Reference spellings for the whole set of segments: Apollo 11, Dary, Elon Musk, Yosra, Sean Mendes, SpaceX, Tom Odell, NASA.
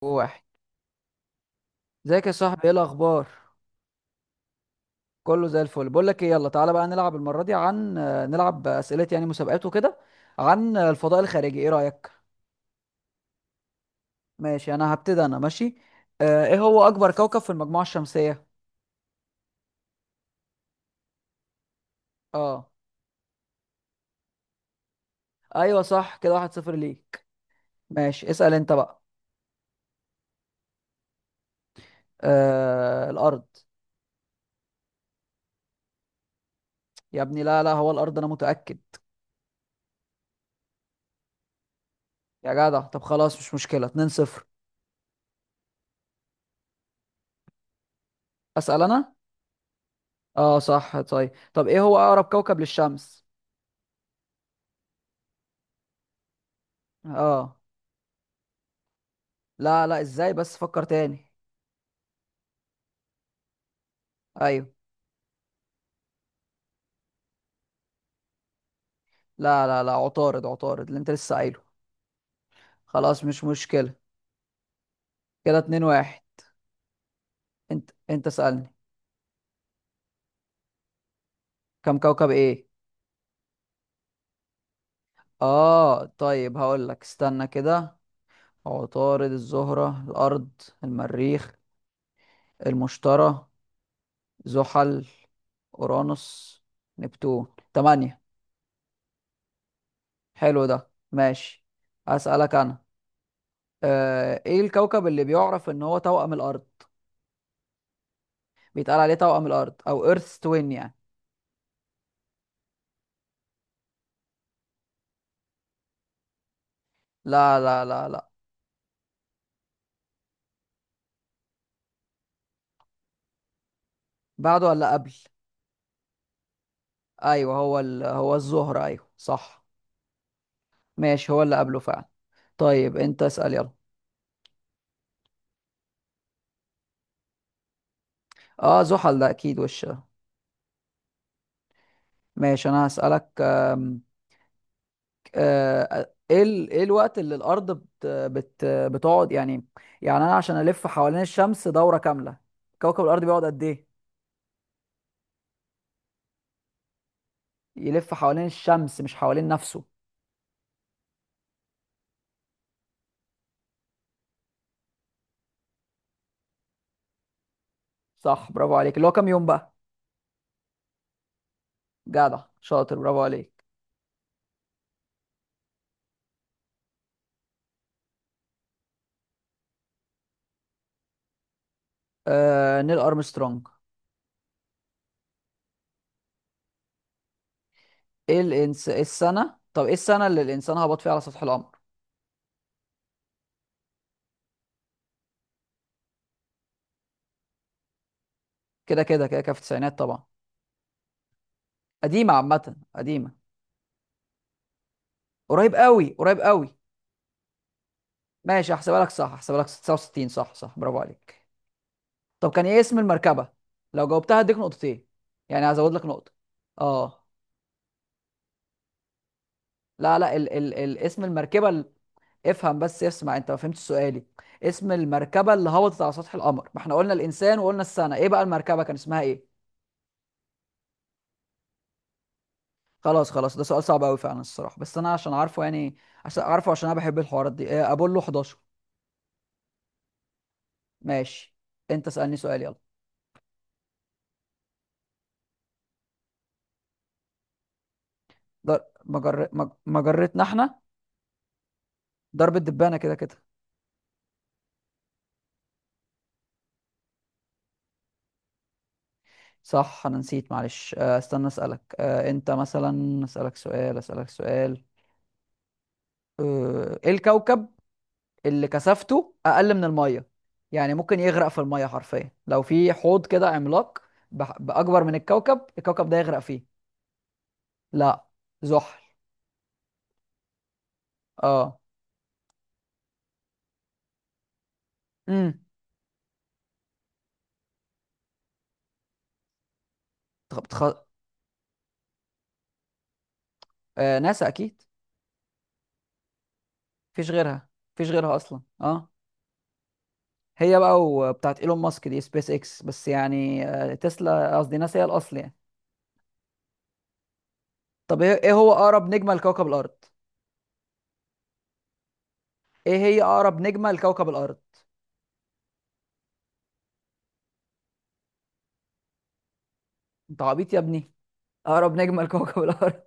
واحد. ازيك يا صاحبي؟ ايه الاخبار؟ كله زي الفل. بقول لك ايه، يلا تعالى بقى نلعب المره دي عن آه، نلعب اسئله، يعني مسابقات وكده، عن الفضاء الخارجي. ايه رايك؟ ماشي، انا هبتدي. انا ماشي. ايه هو اكبر كوكب في المجموعه الشمسيه؟ اه، ايوه صح كده. واحد صفر ليك. ماشي، اسال انت بقى. الارض. يا ابني، لا لا، هو الارض، انا متاكد. يا جدع، طب خلاص، مش مشكله. 2-0. اسال انا. اه صح، طيب. طب ايه هو اقرب كوكب للشمس؟ اه. لا لا، ازاي؟ بس فكر تاني. ايوه. لا لا لا، عطارد، عطارد اللي انت لسه قايله. خلاص، مش مشكلة. كده اتنين واحد. انت سألني. كم كوكب ايه؟ اه طيب، هقول لك. استنى كده. عطارد، الزهرة، الارض. المريخ. المشتري. زحل. اورانوس. نبتون. تمانية. حلو، ده ماشي. هسألك انا. ايه الكوكب اللي بيعرف ان هو توأم الارض؟ بيتقال عليه توأم الارض او ايرث توين يعني. لا لا لا لا. بعده ولا قبل؟ ايوه هو هو الزهرة، ايوه صح. ماشي، هو اللي قبله فعلا. طيب، انت اسأل يلا. اه، زحل ده اكيد. وش ده. ماشي، انا هسألك. ايه الوقت اللي الارض بتقعد يعني. يعني انا، عشان الف حوالين الشمس دورة كاملة. كوكب الارض بيقعد قد ايه؟ يلف حوالين الشمس، مش حوالين نفسه. صح، برافو عليك. اللي هو كام يوم بقى؟ جدع شاطر، برافو عليك. نيل ارمسترونج. إيه السنة؟ طب ايه السنة اللي الانسان هبط فيها على سطح القمر؟ كده كده كده كده، في التسعينات طبعا. قديمة عامة، قديمة. قريب قوي، قريب قوي. ماشي، هحسبها لك. صح هحسبها لك 69. صح صح، برافو عليك. طب كان ايه اسم المركبة؟ لو جاوبتها هديك نقطتين. يعني هزود لك نقطة. اه. لا لا، اسم المركبة افهم بس، اسمع. انت ما فهمتش سؤالي. اسم المركبة اللي هبطت على سطح القمر، ما احنا قلنا الانسان وقلنا السنة، ايه بقى المركبة كان اسمها ايه؟ خلاص خلاص، ده سؤال صعب قوي فعلا الصراحه. بس انا عشان عارفه يعني. عشان اعرفه، عشان انا بحب الحوارات دي. ابولو 11. ماشي. انت اسالني سؤال يلا. مجرتنا احنا. ضرب الدبانه كده كده. صح، انا نسيت معلش. استنى اسالك. انت مثلا اسالك سؤال، اسالك سؤال. ايه الكوكب اللي كثافته اقل من الميه؟ يعني ممكن يغرق في الميه حرفيا، لو في حوض كده عملاق. باكبر من الكوكب ده يغرق فيه. لا. زحل. اه. امم. بتخ... بتخ... ناسا اكيد. مفيش غيرها. مفيش غيرها اصلا، اه. هي بقى وبتاعت ايلون ماسك دي سبيس اكس بس يعني، تسلا قصدي ناسا هي الاصل يعني. طب إيه هو اقرب نجمه لكوكب الارض؟ ايه هي اقرب نجمه لكوكب الارض؟ انت عبيط يا ابني. اقرب نجمه لكوكب الارض.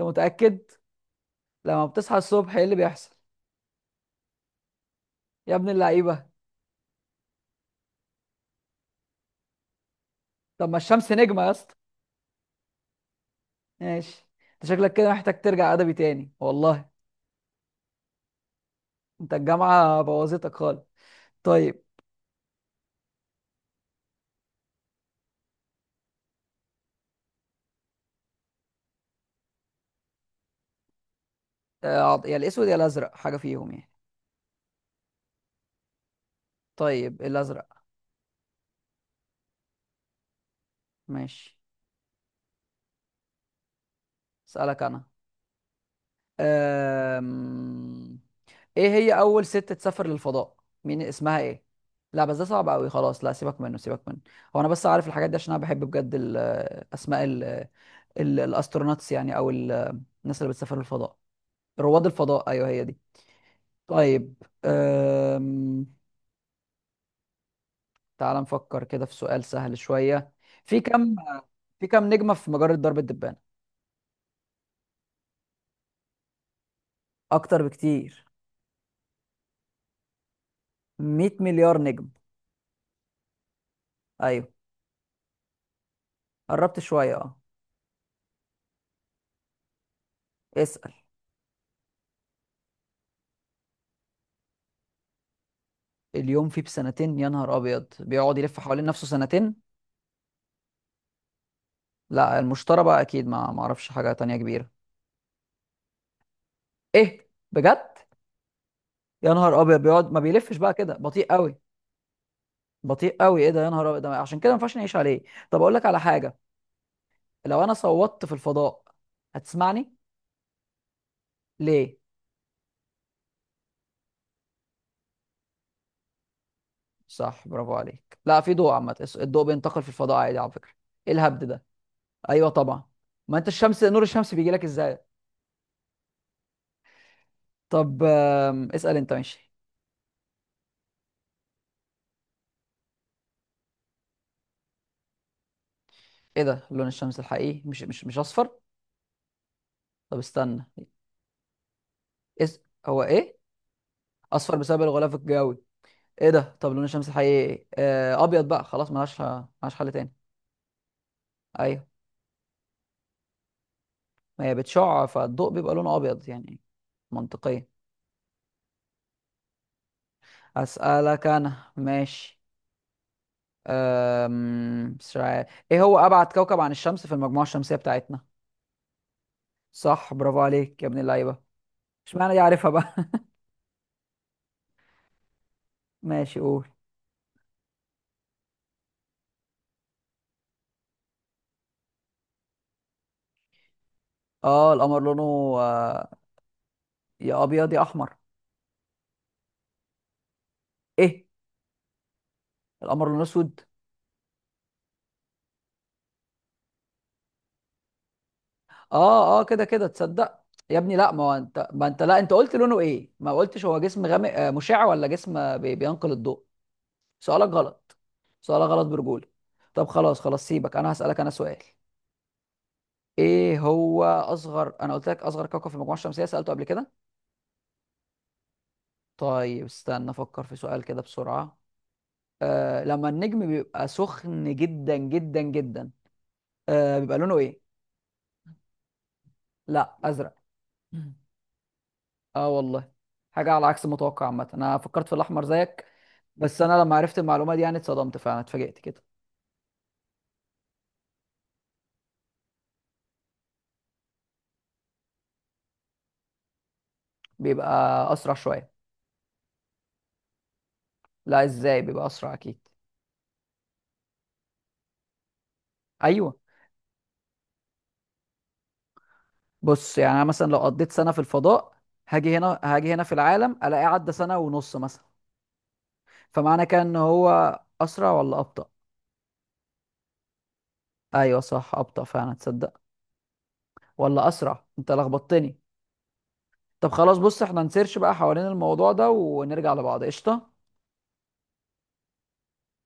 انت متاكد؟ لما بتصحى الصبح، ايه اللي بيحصل؟ يا ابن اللعيبه. طب ما الشمس نجمه يا اسطى. ماشي. انت شكلك كده محتاج ترجع ادبي تاني والله. انت الجامعه بوظتك خالص. طيب. يا الاسود يا الازرق، حاجه فيهم يعني. طيب، الازرق. ماشي. اسالك انا. أم... ايه هي اول ست تسافر للفضاء؟ مين اسمها ايه؟ لا بس ده صعب قوي، خلاص. لا، سيبك منه، سيبك منه. هو انا بس عارف الحاجات دي عشان انا بحب بجد اسماء الاستروناتس يعني، او الناس اللي بتسافر للفضاء. رواد الفضاء، ايوه هي دي. طيب. أم... تعال نفكر كده في سؤال سهل شوية. في كم. في كم نجمة في مجرة درب التبانة؟ اكتر بكتير. 100 مليار نجم. ايوه. قربت شوية، اه. اسأل. اليوم فيه بسنتين؟ يا نهار أبيض، بيقعد يلف حوالين نفسه سنتين. لا، المشترى بقى أكيد، ما معرفش حاجة تانية كبيرة. إيه، بجد؟ يا نهار أبيض، بيقعد ما بيلفش بقى كده، بطيء قوي. بطيء قوي، إيه ده، يا نهار أبيض. ده عشان كده ما ينفعش نعيش عليه. طب أقول لك على حاجة. لو أنا صوتت في الفضاء، هتسمعني؟ ليه؟ صح برافو عليك. لا، في ضوء عامة، الضوء بينتقل في الفضاء عادي على فكرة. إيه الهبد ده؟ أيوه طبعا. ما أنت الشمس، نور الشمس بيجي لك إزاي. طب اسأل أنت، ماشي. ايه ده، لون الشمس الحقيقي مش مش مش اصفر؟ طب استنى. إز... هو ايه؟ اصفر بسبب الغلاف الجوي؟ ايه ده، طب لون الشمس الحقيقي إيه؟ ابيض بقى خلاص، ملهاش ملهاش حل تاني. ايوه. ما هي بتشع فالضوء بيبقى لونه ابيض يعني. منطقيا. اسالك انا، ماشي. مش عارف. ايه هو ابعد كوكب عن الشمس في المجموعه الشمسيه بتاعتنا؟ صح، برافو عليك يا ابن اللعيبه. مش معنى دي، عارفها بقى. ماشي، قول. اه القمر لونه. آه، يا ابيض يا احمر. ايه؟ القمر لونه اسود؟ اه اه، كده كده، تصدق. يا ابني لا، ما هو انت، ما انت، لا، انت قلت لونه ايه، ما قلتش هو جسم غامق، مشع ولا جسم بينقل الضوء. سؤالك غلط. سؤالك غلط برجولة. طب خلاص خلاص، سيبك. انا هسألك انا سؤال. ايه هو اصغر، انا قلت لك اصغر كوكب في المجموعة الشمسية سألته قبل كده. طيب، استنى افكر في سؤال كده بسرعة. لما النجم بيبقى سخن جدا جدا جدا، بيبقى لونه ايه؟ لا، ازرق. اه والله. حاجه على عكس المتوقع عامه، انا فكرت في الاحمر زيك. بس انا لما عرفت المعلومه دي يعني اتصدمت فعلا، اتفاجئت كده. بيبقى اسرع شويه. لا، ازاي؟ بيبقى اسرع اكيد. ايوه. بص يعني، انا مثلا لو قضيت سنه في الفضاء، هاجي هنا هاجي هنا في العالم، الاقيه عدى سنه ونص مثلا. فمعنى كده ان هو اسرع ولا ابطا؟ ايوه صح، ابطا فعلا، تصدق. ولا اسرع؟ انت لخبطتني. طب خلاص، بص احنا نسيرش بقى حوالين الموضوع ده، ونرجع لبعض قشطه.